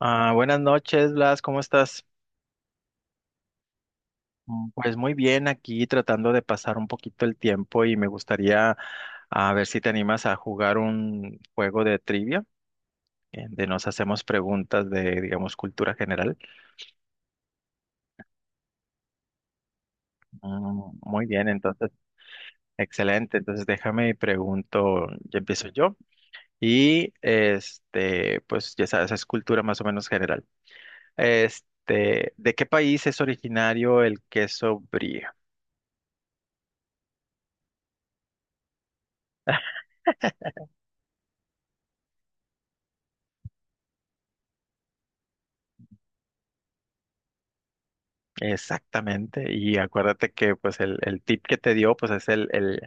Ah, buenas noches, Blas, ¿cómo estás? Pues muy bien, aquí tratando de pasar un poquito el tiempo y me gustaría a ver si te animas a jugar un juego de trivia, de nos hacemos preguntas de, digamos, cultura general. Muy bien, entonces, excelente. Entonces, déjame y pregunto, ya empiezo yo. Y este, pues ya sabes, es cultura más o menos general. Este, ¿de qué país es originario el queso brie? Exactamente, y acuérdate que pues el tip que te dio pues es el, el,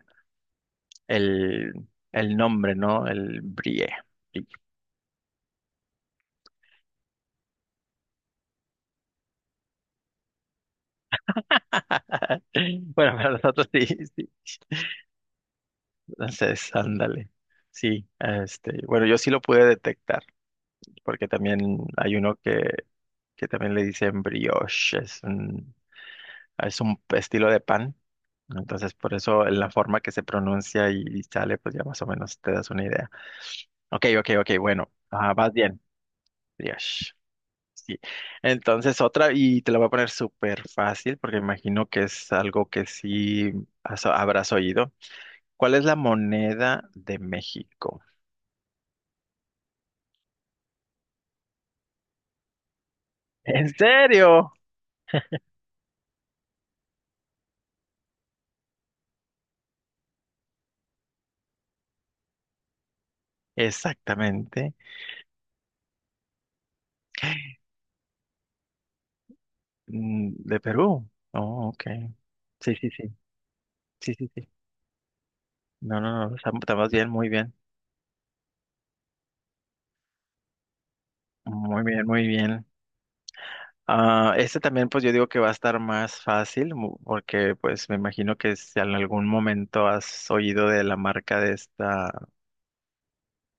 el, el nombre, ¿no? El brie. Brie. Bueno, para nosotros sí, sí. Entonces, ándale. Sí, este, bueno, yo sí lo pude detectar, porque también hay uno que también le dicen brioche, es un estilo de pan. Entonces, por eso en la forma que se pronuncia y sale, pues ya más o menos te das una idea. Ok, ok, ok, bueno, ah, vas bien. Dios. Sí. Entonces otra, y te la voy a poner súper fácil porque imagino que es algo que sí habrás oído. ¿Cuál es la moneda de México? ¿En serio? Exactamente. ¿De Perú? Oh, ok. Sí, sí, sí. Sí, sí, sí. No, no, no. Estamos bien, muy bien. Muy bien, muy bien. Ah, este también, pues yo digo que va a estar más fácil, porque pues me imagino que si en algún momento has oído de la marca de esta,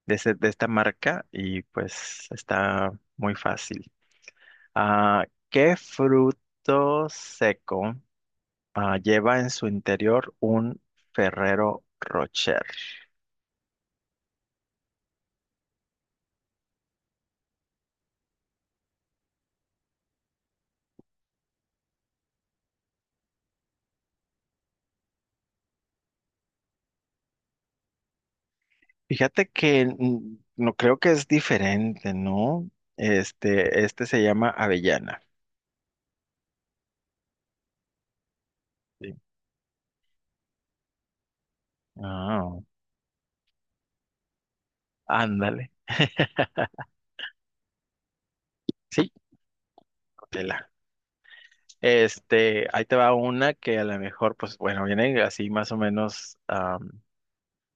de esta marca y pues está muy fácil. Ah, ¿qué fruto seco lleva en su interior un Ferrero Rocher? Fíjate que no creo que es diferente, ¿no? Este se llama avellana. Sí. Ah, ándale. Sí, Tela. Este, ahí te va una que a lo mejor, pues bueno, viene así más o menos,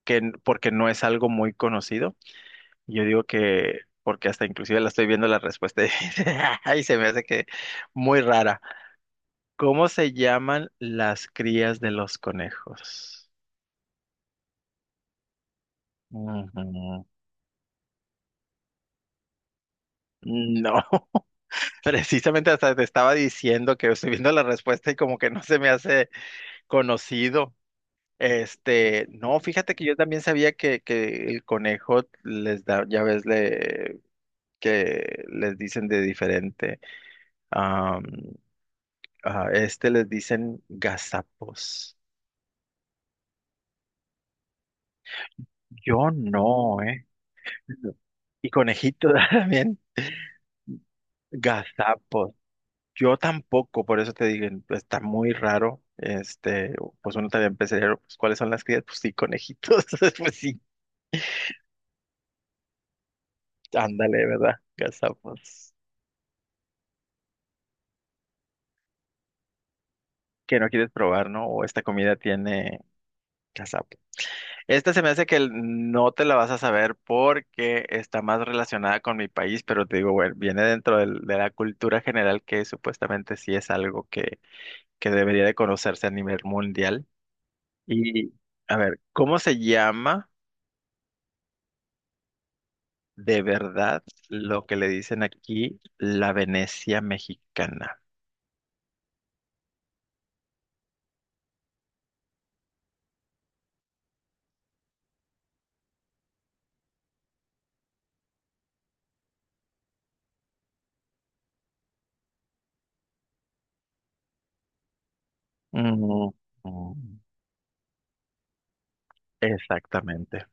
porque no es algo muy conocido. Yo digo que, porque hasta inclusive la estoy viendo la respuesta y y se me hace que muy rara. ¿Cómo se llaman las crías de los conejos? Ujú. No, precisamente hasta te estaba diciendo que estoy viendo la respuesta y como que no se me hace conocido. Este, no, fíjate que yo también sabía que el conejo les da, ya ves, que les dicen de diferente. Am, a este les dicen gazapos. Yo no, ¿eh? Y conejito también, gazapos. Yo tampoco, por eso te digo, está muy raro. Este, pues uno también pensaría, pues, ¿cuáles son las crías? Pues sí, conejitos, pues sí, ándale, ¿verdad? Gazapos. Que no quieres probar, ¿no? O esta comida tiene cazapo. Esta se me hace no te la vas a saber porque está más relacionada con mi país, pero te digo, bueno, viene dentro de la cultura general que supuestamente sí es algo que debería de conocerse a nivel mundial. Y a ver, ¿cómo se llama de verdad lo que le dicen aquí la Venecia mexicana? Mm, mm, exactamente.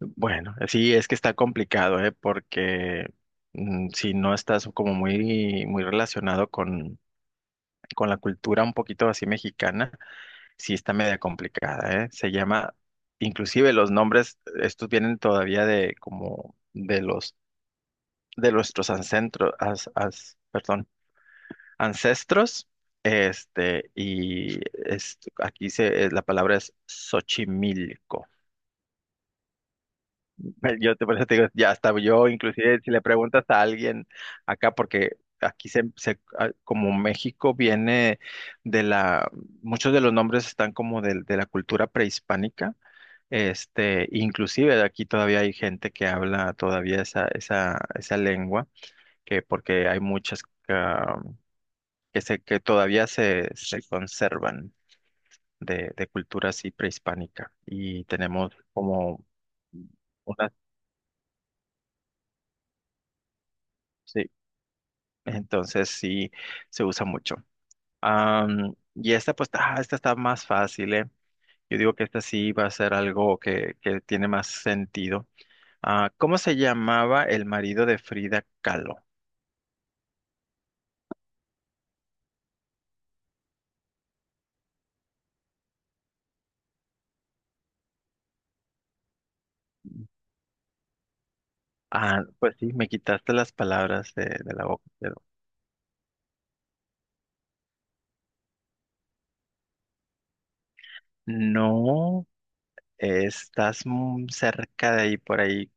Bueno, sí, es que está complicado, ¿eh? Porque si no estás como muy, muy relacionado con la cultura un poquito así mexicana, sí está media complicada, ¿eh? Se llama, inclusive los nombres, estos vienen todavía de como de nuestros ancestros, perdón, ancestros, este, y es, aquí se, la palabra es Xochimilco. Yo te, por eso te digo, ya hasta yo, inclusive si le preguntas a alguien acá, porque aquí se, como México viene de la, muchos de los nombres están como de, la cultura prehispánica, este, inclusive aquí todavía hay gente que habla todavía esa lengua, que porque hay muchas ah, que todavía se, se conservan de cultura así prehispánica, y tenemos como una sí, Entonces sí se usa mucho. Y esta pues esta está más fácil, ¿eh? Yo digo que esta sí va a ser algo que tiene más sentido. Ah, ¿cómo se llamaba el marido de Frida Kahlo? Ah, pues sí, me quitaste las palabras de la boca, pero no estás muy cerca de ahí por ahí.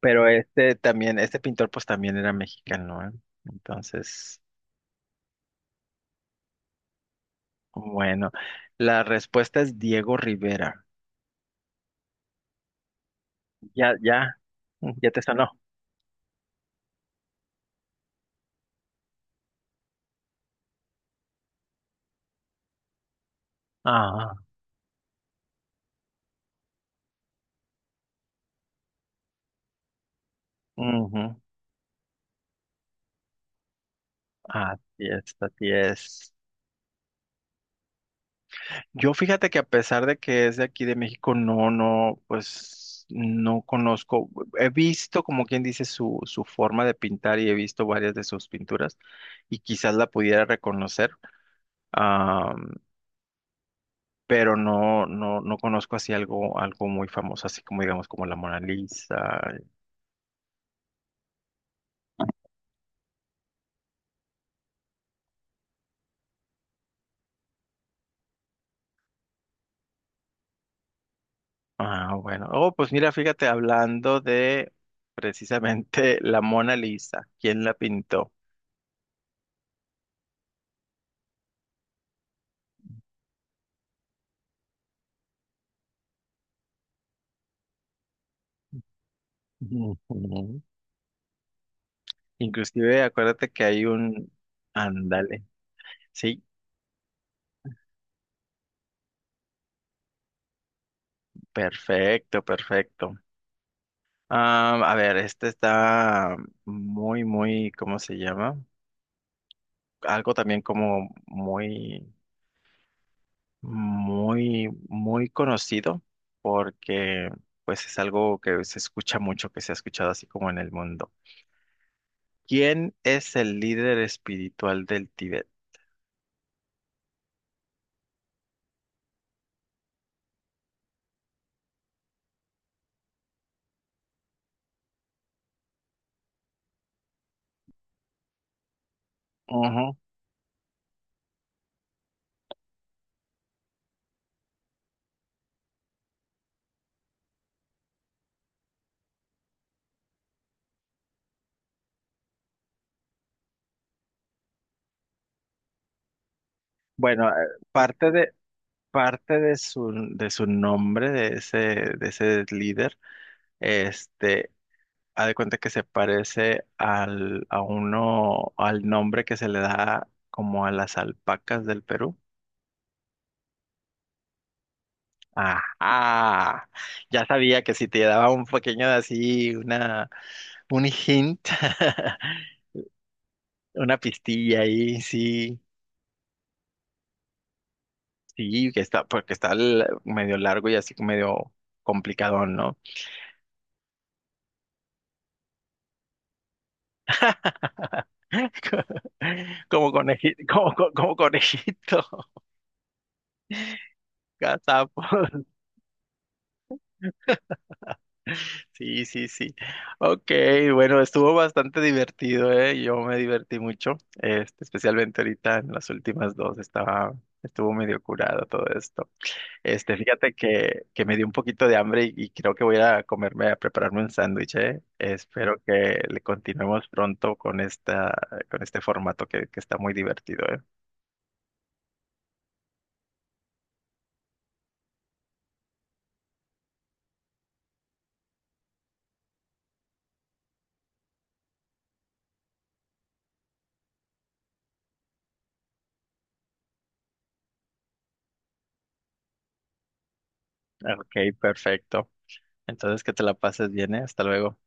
Pero este también, este pintor pues también era mexicano, ¿eh? Entonces, bueno, la respuesta es Diego Rivera. Ya, ya, ya te sanó. Ah, ujú. Así es, así es. Yo fíjate que a pesar de que es de aquí de México, no, no, pues no conozco. He visto, como quien dice, su forma de pintar y he visto varias de sus pinturas y quizás la pudiera reconocer, am, pero no, no, no conozco así algo, algo muy famoso, así como digamos como la Mona Lisa, Ah, bueno. Oh, pues mira, fíjate, hablando de precisamente la Mona Lisa, ¿quién la pintó? Ujú. Inclusive, acuérdate que hay un... Ándale. Sí, perfecto, perfecto. Ah, a ver, este está muy, muy, ¿cómo se llama? Algo también como muy, muy, muy conocido, porque pues es algo que se escucha mucho, que se ha escuchado así como en el mundo. ¿Quién es el líder espiritual del Tíbet? Ujú. Bueno, parte de, parte de su nombre, de ese líder, este, haz de cuenta que se parece al, a uno, al nombre que se le da como a las alpacas del Perú. Ajá, ya sabía que si te daba un pequeño de así, una, un hint, una pistilla ahí, sí. Sí, que está, porque está medio largo y así medio complicadón, ¿no? Como conejito, como, como conejito, gazapo. Sí, sí, sí. Ok, bueno, estuvo bastante divertido, ¿eh? Yo me divertí mucho, este, especialmente ahorita en las últimas dos, estaba, estuvo medio curado todo esto. Este, fíjate que me dio un poquito de hambre y creo que voy a comerme, a prepararme un sándwich, ¿eh? Espero que le continuemos pronto con esta, con este formato que está muy divertido, ¿eh? Ok, perfecto. Entonces, que te la pases bien, ¿eh? Hasta luego.